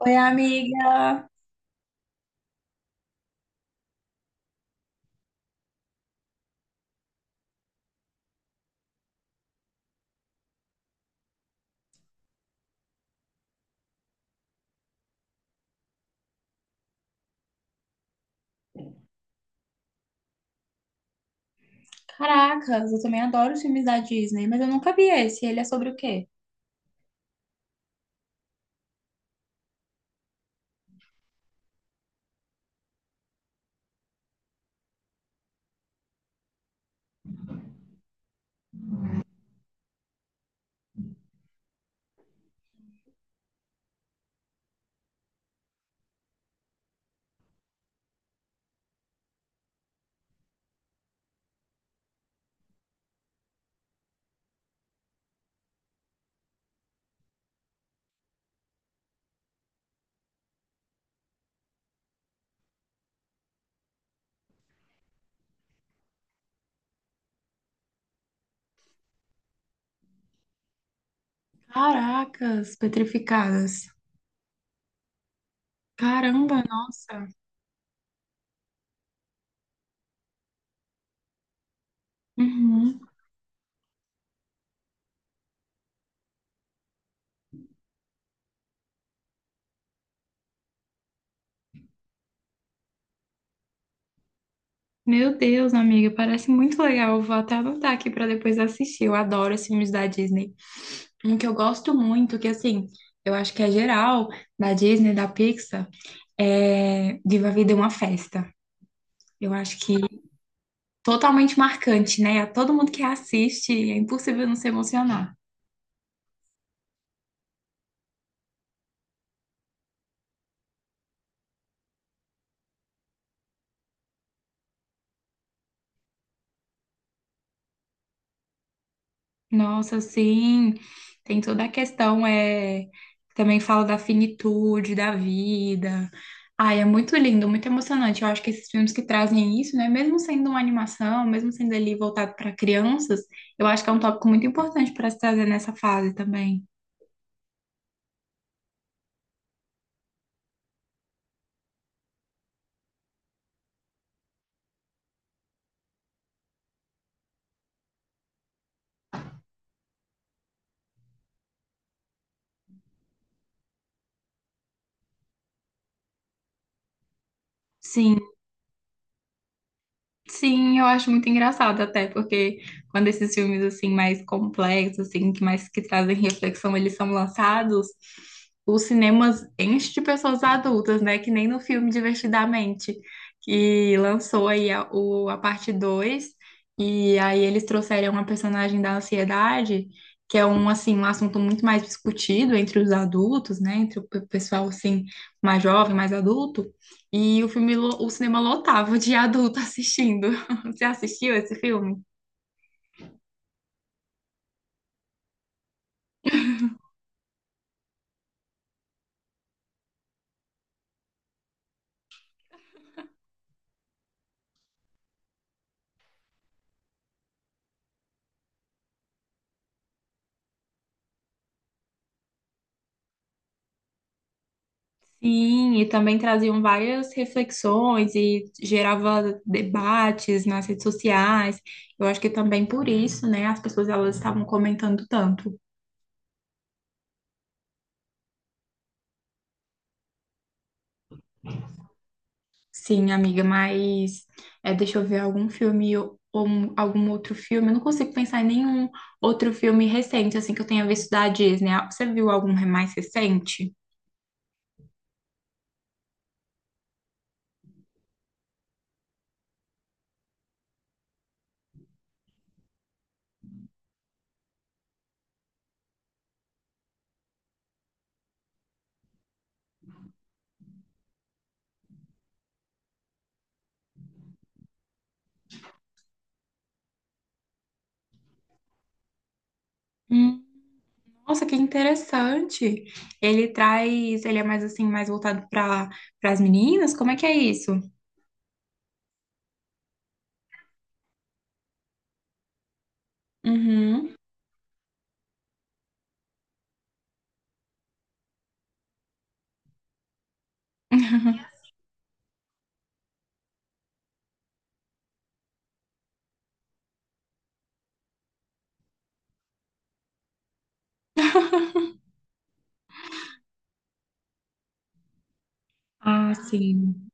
Oi, amiga! Caracas, eu também adoro os filmes da Disney, mas eu nunca vi esse. Ele é sobre o quê? Caracas, petrificadas. Caramba, nossa. Uhum. Meu Deus, amiga, parece muito legal. Eu vou até anotar aqui para depois assistir. Eu adoro esses filmes da Disney. Um que eu gosto muito, que assim, eu acho que é geral da Disney, da Pixar, é Viva a Vida é uma Festa. Eu acho que totalmente marcante, né? A todo mundo que assiste, é impossível não se emocionar. Nossa, sim, tem toda a questão, também fala da finitude, da vida. Ai, é muito lindo, muito emocionante. Eu acho que esses filmes que trazem isso, né, mesmo sendo uma animação, mesmo sendo ali voltado para crianças, eu acho que é um tópico muito importante para se trazer nessa fase também. Sim. Sim, eu acho muito engraçado até, porque quando esses filmes assim mais complexos, assim, que mais que trazem reflexão, eles são lançados, os cinemas enchem de pessoas adultas, né? Que nem no filme Divertidamente, que lançou a parte 2, e aí eles trouxeram uma personagem da ansiedade, que é um assim, um assunto muito mais discutido entre os adultos, né? Entre o pessoal assim mais jovem, mais adulto. E o filme, o cinema lotava de adulto assistindo. Você assistiu esse filme? Sim, e também traziam várias reflexões e gerava debates nas redes sociais. Eu acho que também por isso, né, as pessoas elas estavam comentando tanto. Sim, amiga, mas deixa eu ver algum filme ou algum outro filme. Eu não consigo pensar em nenhum outro filme recente assim que eu tenha visto da Disney. Ah, você viu algum mais recente? Nossa, que interessante. Ele traz, ele é mais assim, mais voltado para as meninas? Como é que é isso? Uhum. Ah, sim.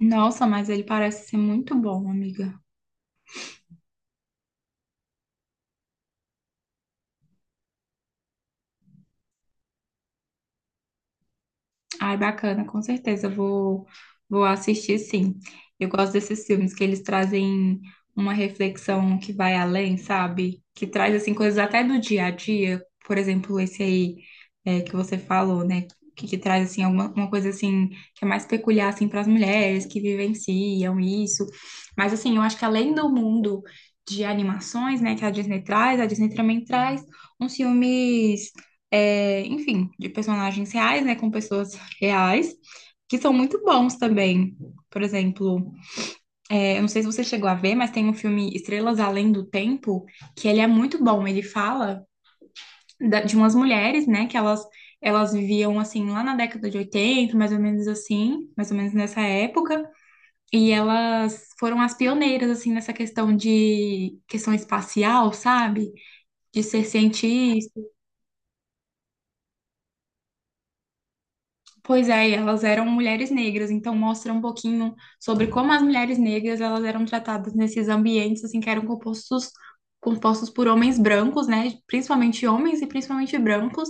Nossa, mas ele parece ser muito bom, amiga. Ai, bacana, com certeza vou assistir sim. Eu gosto desses filmes que eles trazem uma reflexão que vai além, sabe? Que traz assim coisas até do dia a dia, por exemplo, esse aí que você falou, né? Que traz assim alguma uma coisa assim que é mais peculiar assim para as mulheres que vivenciam isso. Mas assim, eu acho que além do mundo de animações, né, que a Disney traz, a Disney também traz uns filmes enfim, de personagens reais, né, com pessoas reais, que são muito bons também. Por exemplo, eu não sei se você chegou a ver, mas tem um filme Estrelas Além do Tempo, que ele é muito bom. Ele fala de umas mulheres, né, que elas viviam assim lá na década de 80, mais ou menos assim, mais ou menos nessa época, e elas foram as pioneiras assim nessa questão de questão espacial, sabe? De ser cientistas. Pois é, e elas eram mulheres negras, então mostra um pouquinho sobre como as mulheres negras elas eram tratadas nesses ambientes assim que eram compostos por homens brancos, né? Principalmente homens e principalmente brancos,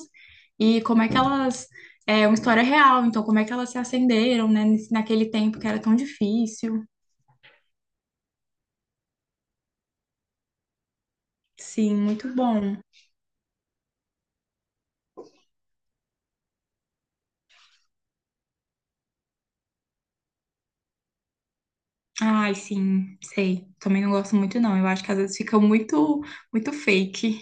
e como é que elas, é uma história real, então como é que elas se acenderam, né, naquele tempo que era tão difícil. Sim, muito bom. Ai, sim, sei. Também não gosto muito não. Eu acho que às vezes fica muito fake.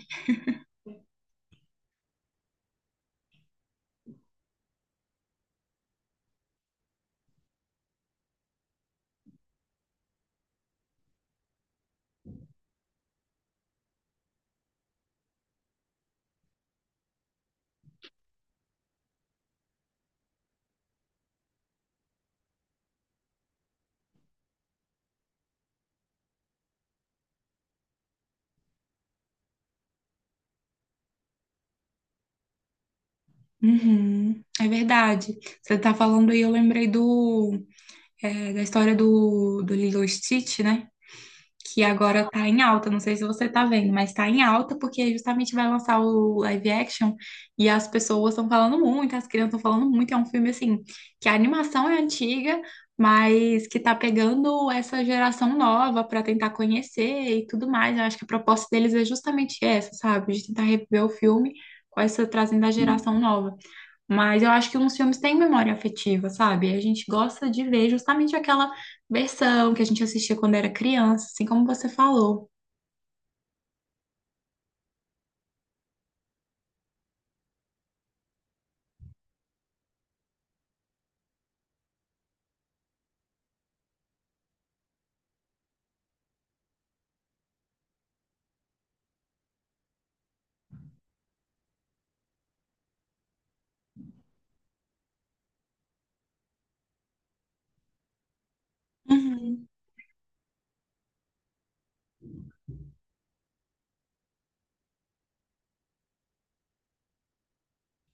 Uhum, é verdade. Você tá falando aí, eu lembrei do, da história do, do Lilo e Stitch, né? Que agora tá em alta. Não sei se você tá vendo, mas tá em alta porque justamente vai lançar o live action, e as pessoas estão falando muito, as crianças estão falando muito. É um filme assim que a animação é antiga, mas que tá pegando essa geração nova pra tentar conhecer e tudo mais. Eu acho que a proposta deles é justamente essa, sabe? De tentar reviver o filme com essa trazendo a geração nova. Mas eu acho que uns filmes têm memória afetiva, sabe? A gente gosta de ver justamente aquela versão que a gente assistia quando era criança, assim como você falou. Uhum.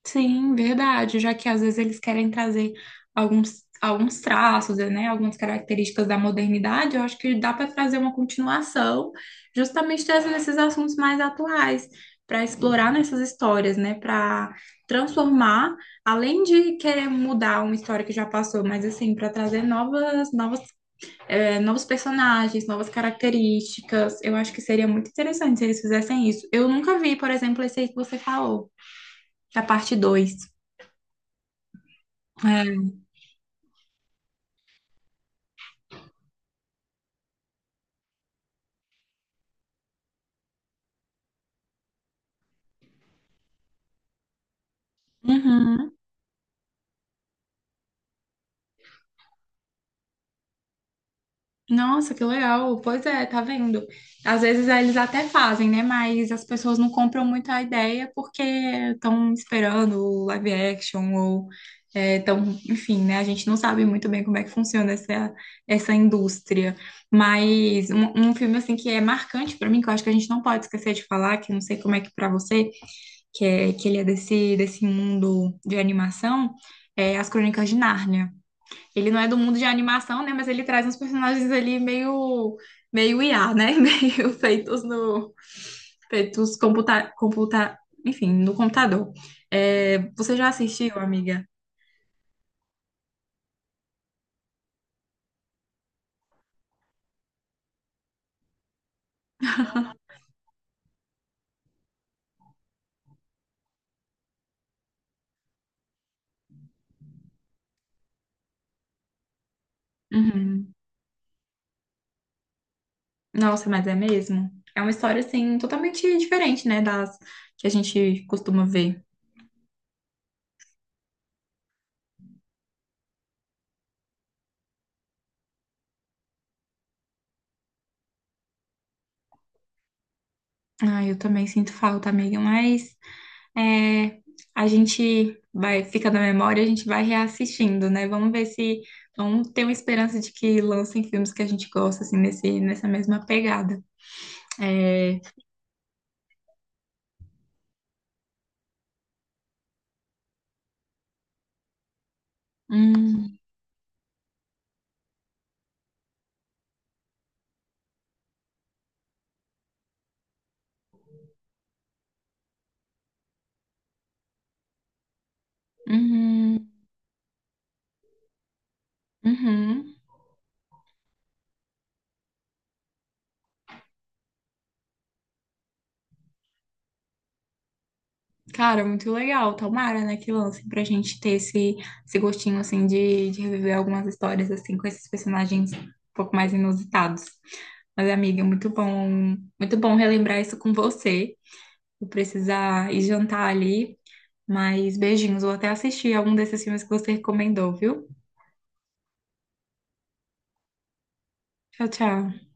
Sim, verdade, já que às vezes eles querem trazer alguns traços, né, algumas características da modernidade, eu acho que dá para trazer uma continuação, justamente trazendo esses assuntos mais atuais, para explorar nessas histórias, né, para transformar, além de querer mudar uma história que já passou, mas assim, para trazer novos personagens, novas características, eu acho que seria muito interessante se eles fizessem isso. Eu nunca vi, por exemplo, esse aí que você falou, da parte 2. Uhum. Nossa, que legal. Pois é, tá vendo? Às vezes eles até fazem, né? Mas as pessoas não compram muito a ideia porque estão esperando o live action ou estão, enfim, né? A gente não sabe muito bem como é que funciona essa, essa indústria. Mas um filme assim que é marcante pra mim, que eu acho que a gente não pode esquecer de falar, que eu não sei como é que pra você, que é que ele é desse mundo de animação, é As Crônicas de Nárnia. Ele não é do mundo de animação, né? Mas ele traz uns personagens ali meio IA, né? Meio feitos no, feitos enfim, no computador. É, você já assistiu, amiga? Uhum. Nossa, mas é mesmo? É uma história assim totalmente diferente, né? Das que a gente costuma ver. Ah, eu também sinto falta, amiga, mas É, a gente vai, fica na memória, a gente vai reassistindo, né? Vamos ver se vamos ter uma esperança de que lancem filmes que a gente gosta, assim, nessa mesma pegada. É, hum, uhum, uhum. Cara, muito legal. Tomara, né, que lancem pra gente ter esse gostinho, assim, de reviver algumas histórias, assim, com esses personagens um pouco mais inusitados. Mas, amiga, muito bom relembrar isso com você. Vou precisar ir jantar ali. Mas beijinhos, vou até assistir algum desses filmes que você recomendou, viu? Tchau, tchau.